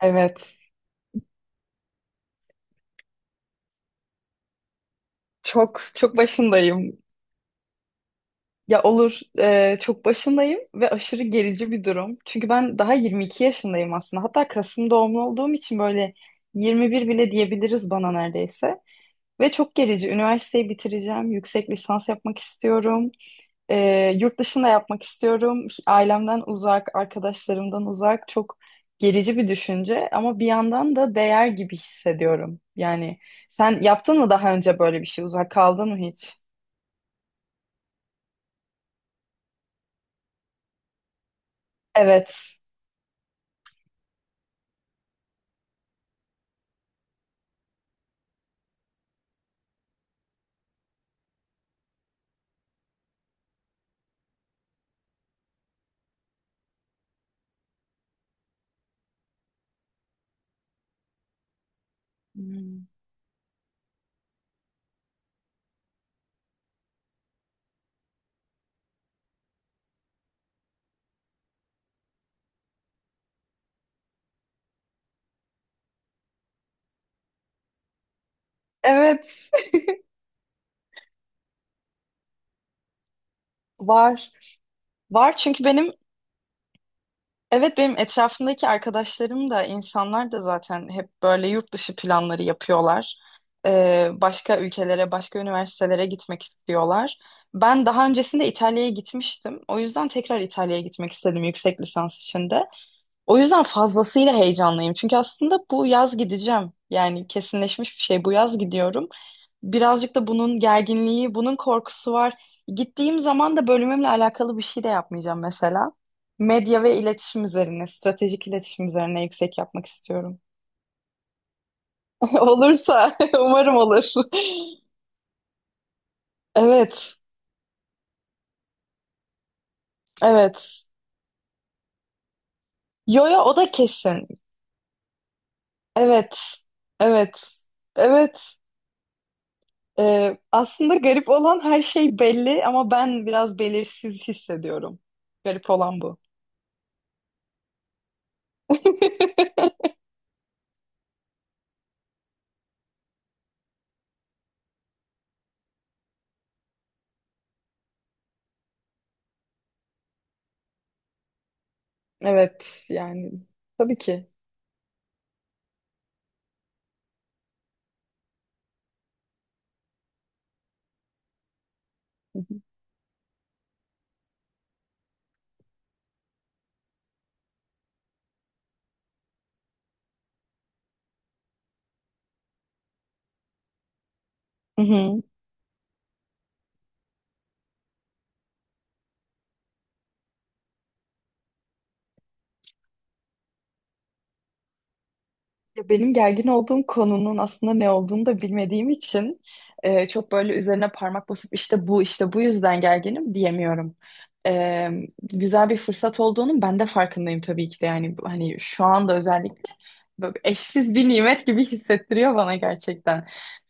Evet. Çok çok başındayım. Ya olur, çok başındayım ve aşırı gerici bir durum. Çünkü ben daha 22 yaşındayım aslında. Hatta Kasım doğumlu olduğum için böyle 21 bile diyebiliriz bana neredeyse. Ve çok gerici. Üniversiteyi bitireceğim. Yüksek lisans yapmak istiyorum. Yurt dışında yapmak istiyorum. Ailemden uzak, arkadaşlarımdan uzak. Çok gerici bir düşünce ama bir yandan da değer gibi hissediyorum. Yani sen yaptın mı daha önce böyle bir şey? Uzak kaldın mı hiç? Evet. Hmm. Evet, var. Var çünkü benim. Evet, benim etrafımdaki arkadaşlarım da insanlar da zaten hep böyle yurt dışı planları yapıyorlar. Başka ülkelere, başka üniversitelere gitmek istiyorlar. Ben daha öncesinde İtalya'ya gitmiştim. O yüzden tekrar İtalya'ya gitmek istedim yüksek lisans için de. O yüzden fazlasıyla heyecanlıyım. Çünkü aslında bu yaz gideceğim. Yani kesinleşmiş bir şey. Bu yaz gidiyorum. Birazcık da bunun gerginliği, bunun korkusu var. Gittiğim zaman da bölümümle alakalı bir şey de yapmayacağım mesela. Medya ve iletişim üzerine, stratejik iletişim üzerine yüksek yapmak istiyorum. Olursa, umarım olur. Evet, evet. Yo yo, o da kesin. Evet, evet, evet. Aslında garip olan her şey belli ama ben biraz belirsiz hissediyorum. Garip olan bu. Evet yani, tabii ki. Hı hı. Hı hı. Ya, benim gergin olduğum konunun aslında ne olduğunu da bilmediğim için çok böyle üzerine parmak basıp işte bu yüzden gerginim diyemiyorum. E, Güzel bir fırsat olduğunun ben de farkındayım tabii ki de, yani hani şu anda özellikle böyle eşsiz bir nimet gibi hissettiriyor bana gerçekten.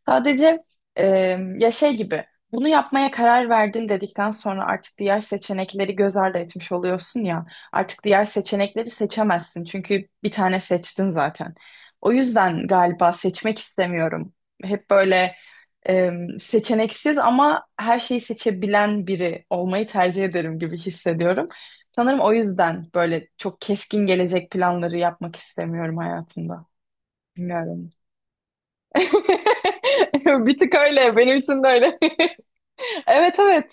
Sadece e, ya, şey gibi, bunu yapmaya karar verdin dedikten sonra artık diğer seçenekleri göz ardı etmiş oluyorsun ya, artık diğer seçenekleri seçemezsin çünkü bir tane seçtin zaten. O yüzden galiba seçmek istemiyorum. Hep böyle e, seçeneksiz ama her şeyi seçebilen biri olmayı tercih ederim gibi hissediyorum. Sanırım o yüzden böyle çok keskin gelecek planları yapmak istemiyorum hayatımda. Bilmiyorum. Bir tık öyle. Benim için de öyle. Evet, evet.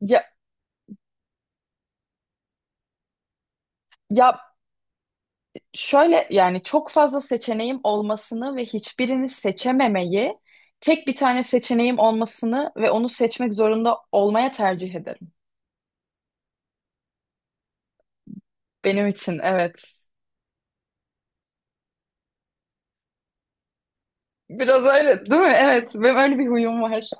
Ya, ya, şöyle, yani çok fazla seçeneğim olmasını ve hiçbirini seçememeyi, tek bir tane seçeneğim olmasını ve onu seçmek zorunda olmaya tercih ederim. Benim için evet. Biraz öyle değil mi? Evet, benim öyle bir huyum var.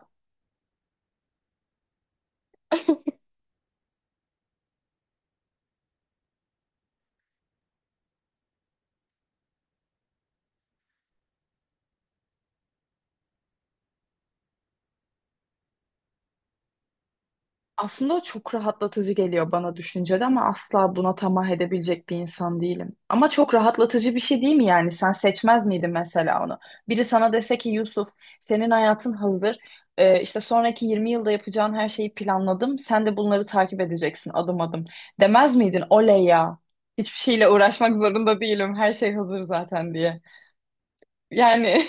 Aslında o çok rahatlatıcı geliyor bana düşüncede ama asla buna tamah edebilecek bir insan değilim. Ama çok rahatlatıcı bir şey değil mi yani? Sen seçmez miydin mesela onu? Biri sana dese ki Yusuf, senin hayatın hazır. İşte sonraki 20 yılda yapacağın her şeyi planladım. Sen de bunları takip edeceksin adım adım. Demez miydin? Oley ya. Hiçbir şeyle uğraşmak zorunda değilim. Her şey hazır zaten diye. Yani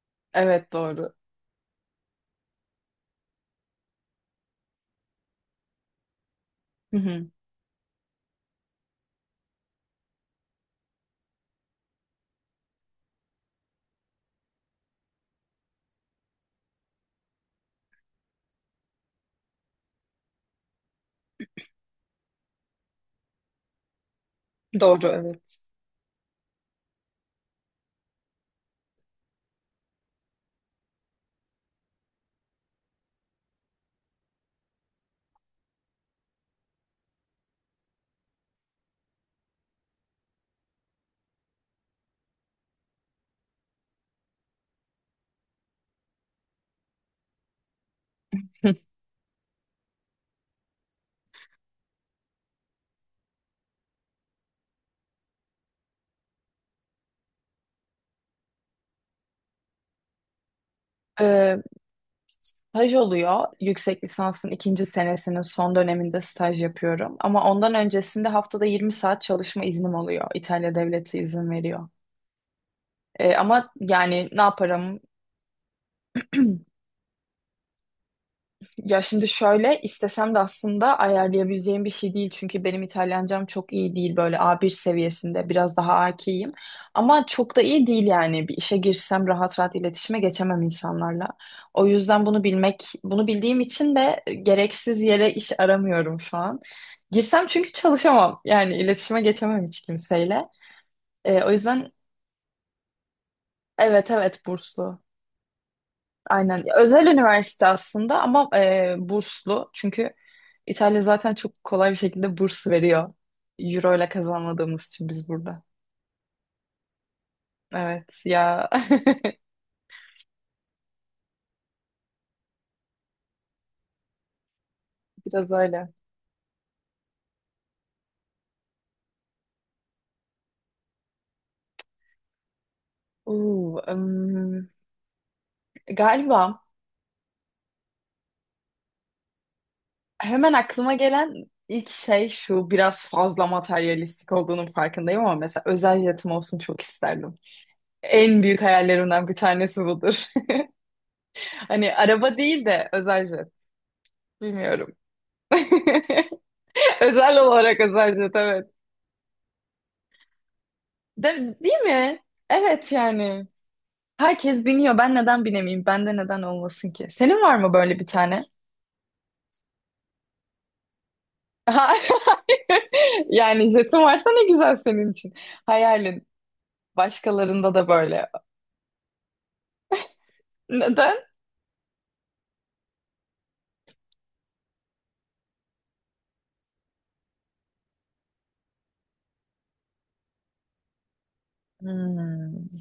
evet, doğru. Hı hı. Doğru, evet. Ee, Staj oluyor. Yüksek lisansın ikinci senesinin son döneminde staj yapıyorum. Ama ondan öncesinde haftada 20 saat çalışma iznim oluyor. İtalya devleti izin veriyor. Ama yani ne yaparım? Ya şimdi şöyle, istesem de aslında ayarlayabileceğim bir şey değil. Çünkü benim İtalyancam çok iyi değil. Böyle A1 seviyesinde biraz daha akiyim. Ama çok da iyi değil yani. Bir işe girsem rahat rahat iletişime geçemem insanlarla. O yüzden bunu bilmek, bunu bildiğim için de gereksiz yere iş aramıyorum şu an. Girsem çünkü çalışamam. Yani iletişime geçemem hiç kimseyle. O yüzden, evet, evet burslu. Aynen. Özel üniversite aslında ama burslu. Çünkü İtalya zaten çok kolay bir şekilde burs veriyor. Euro ile kazanmadığımız için biz burada. Evet ya. Biraz öyle. Oo, galiba hemen aklıma gelen ilk şey şu: biraz fazla materyalistik olduğunun farkındayım ama mesela özel jetim olsun, çok isterdim. En büyük hayallerimden bir tanesi budur. Hani araba değil de özel jet. Bilmiyorum. Özel olarak özel jet, evet. Değil mi? Evet yani. Herkes biniyor. Ben neden binemeyeyim? Bende neden olmasın ki? Senin var mı böyle bir tane? Hayır. Yani jetin varsa ne güzel senin için. Hayalin. Başkalarında da böyle. Neden? Hmm.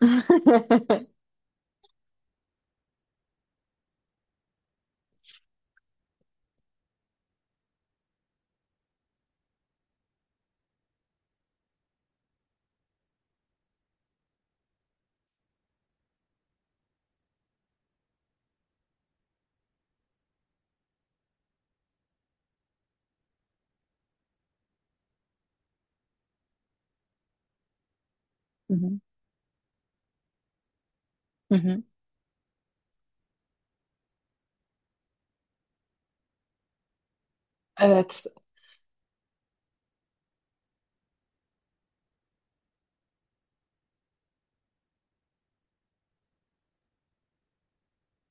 Hı hı. Hı hı. Evet.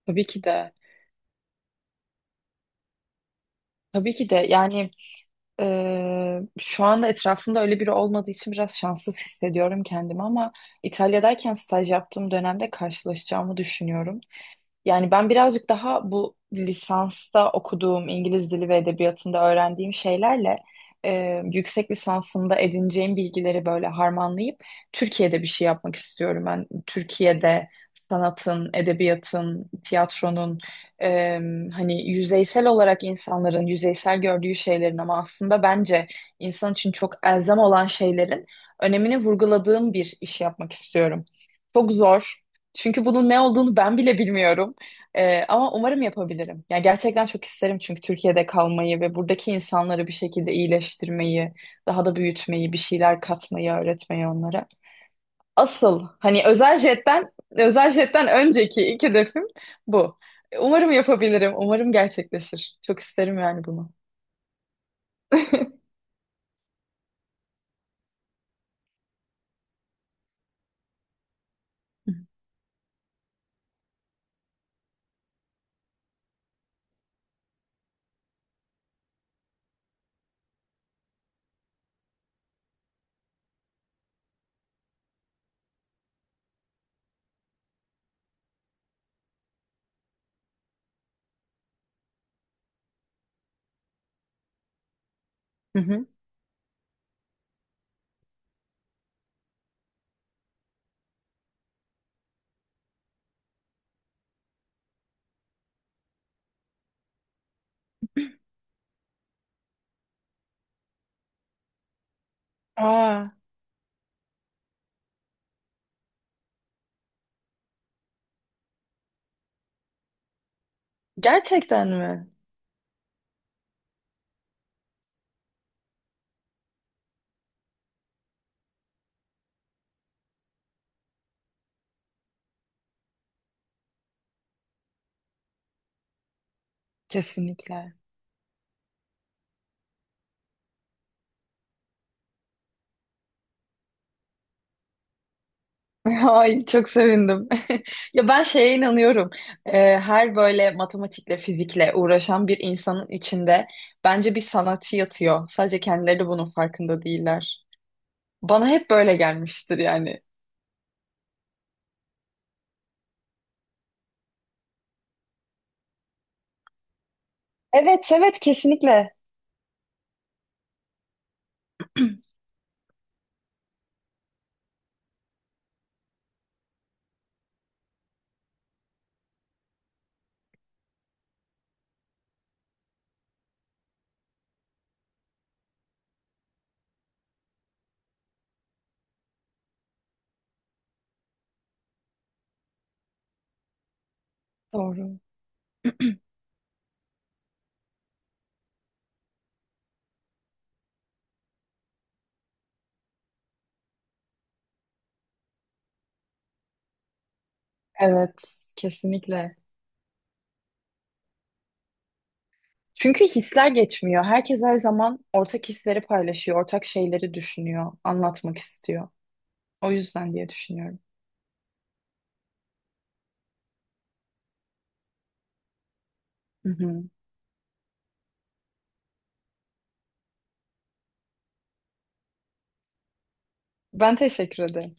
Tabii ki de. Tabii ki de. Yani, şu anda etrafımda öyle biri olmadığı için biraz şanssız hissediyorum kendimi ama İtalya'dayken staj yaptığım dönemde karşılaşacağımı düşünüyorum. Yani ben birazcık daha bu lisansta okuduğum İngiliz dili ve edebiyatında öğrendiğim şeylerle yüksek lisansımda edineceğim bilgileri böyle harmanlayıp Türkiye'de bir şey yapmak istiyorum. Ben Türkiye'de sanatın, edebiyatın, tiyatronun, e, hani yüzeysel olarak insanların yüzeysel gördüğü şeylerin ama aslında bence insan için çok elzem olan şeylerin önemini vurguladığım bir iş yapmak istiyorum. Çok zor. Çünkü bunun ne olduğunu ben bile bilmiyorum. Ama umarım yapabilirim. Yani gerçekten çok isterim çünkü Türkiye'de kalmayı ve buradaki insanları bir şekilde iyileştirmeyi, daha da büyütmeyi, bir şeyler katmayı, öğretmeyi onlara. Asıl hani özel jetten önceki ilk hedefim bu. Umarım yapabilirim. Umarım gerçekleşir. Çok isterim yani bunu. Hı hı. Aa, gerçekten mi? Kesinlikle. Ay, çok sevindim. Ya ben şeye inanıyorum. Ee, Her böyle matematikle, fizikle uğraşan bir insanın içinde bence bir sanatçı yatıyor. Sadece kendileri bunun farkında değiller. Bana hep böyle gelmiştir yani. Evet, evet kesinlikle. Doğru. Evet, kesinlikle. Çünkü hisler geçmiyor. Herkes her zaman ortak hisleri paylaşıyor, ortak şeyleri düşünüyor, anlatmak istiyor. O yüzden diye düşünüyorum. Hı hı. Ben teşekkür ederim.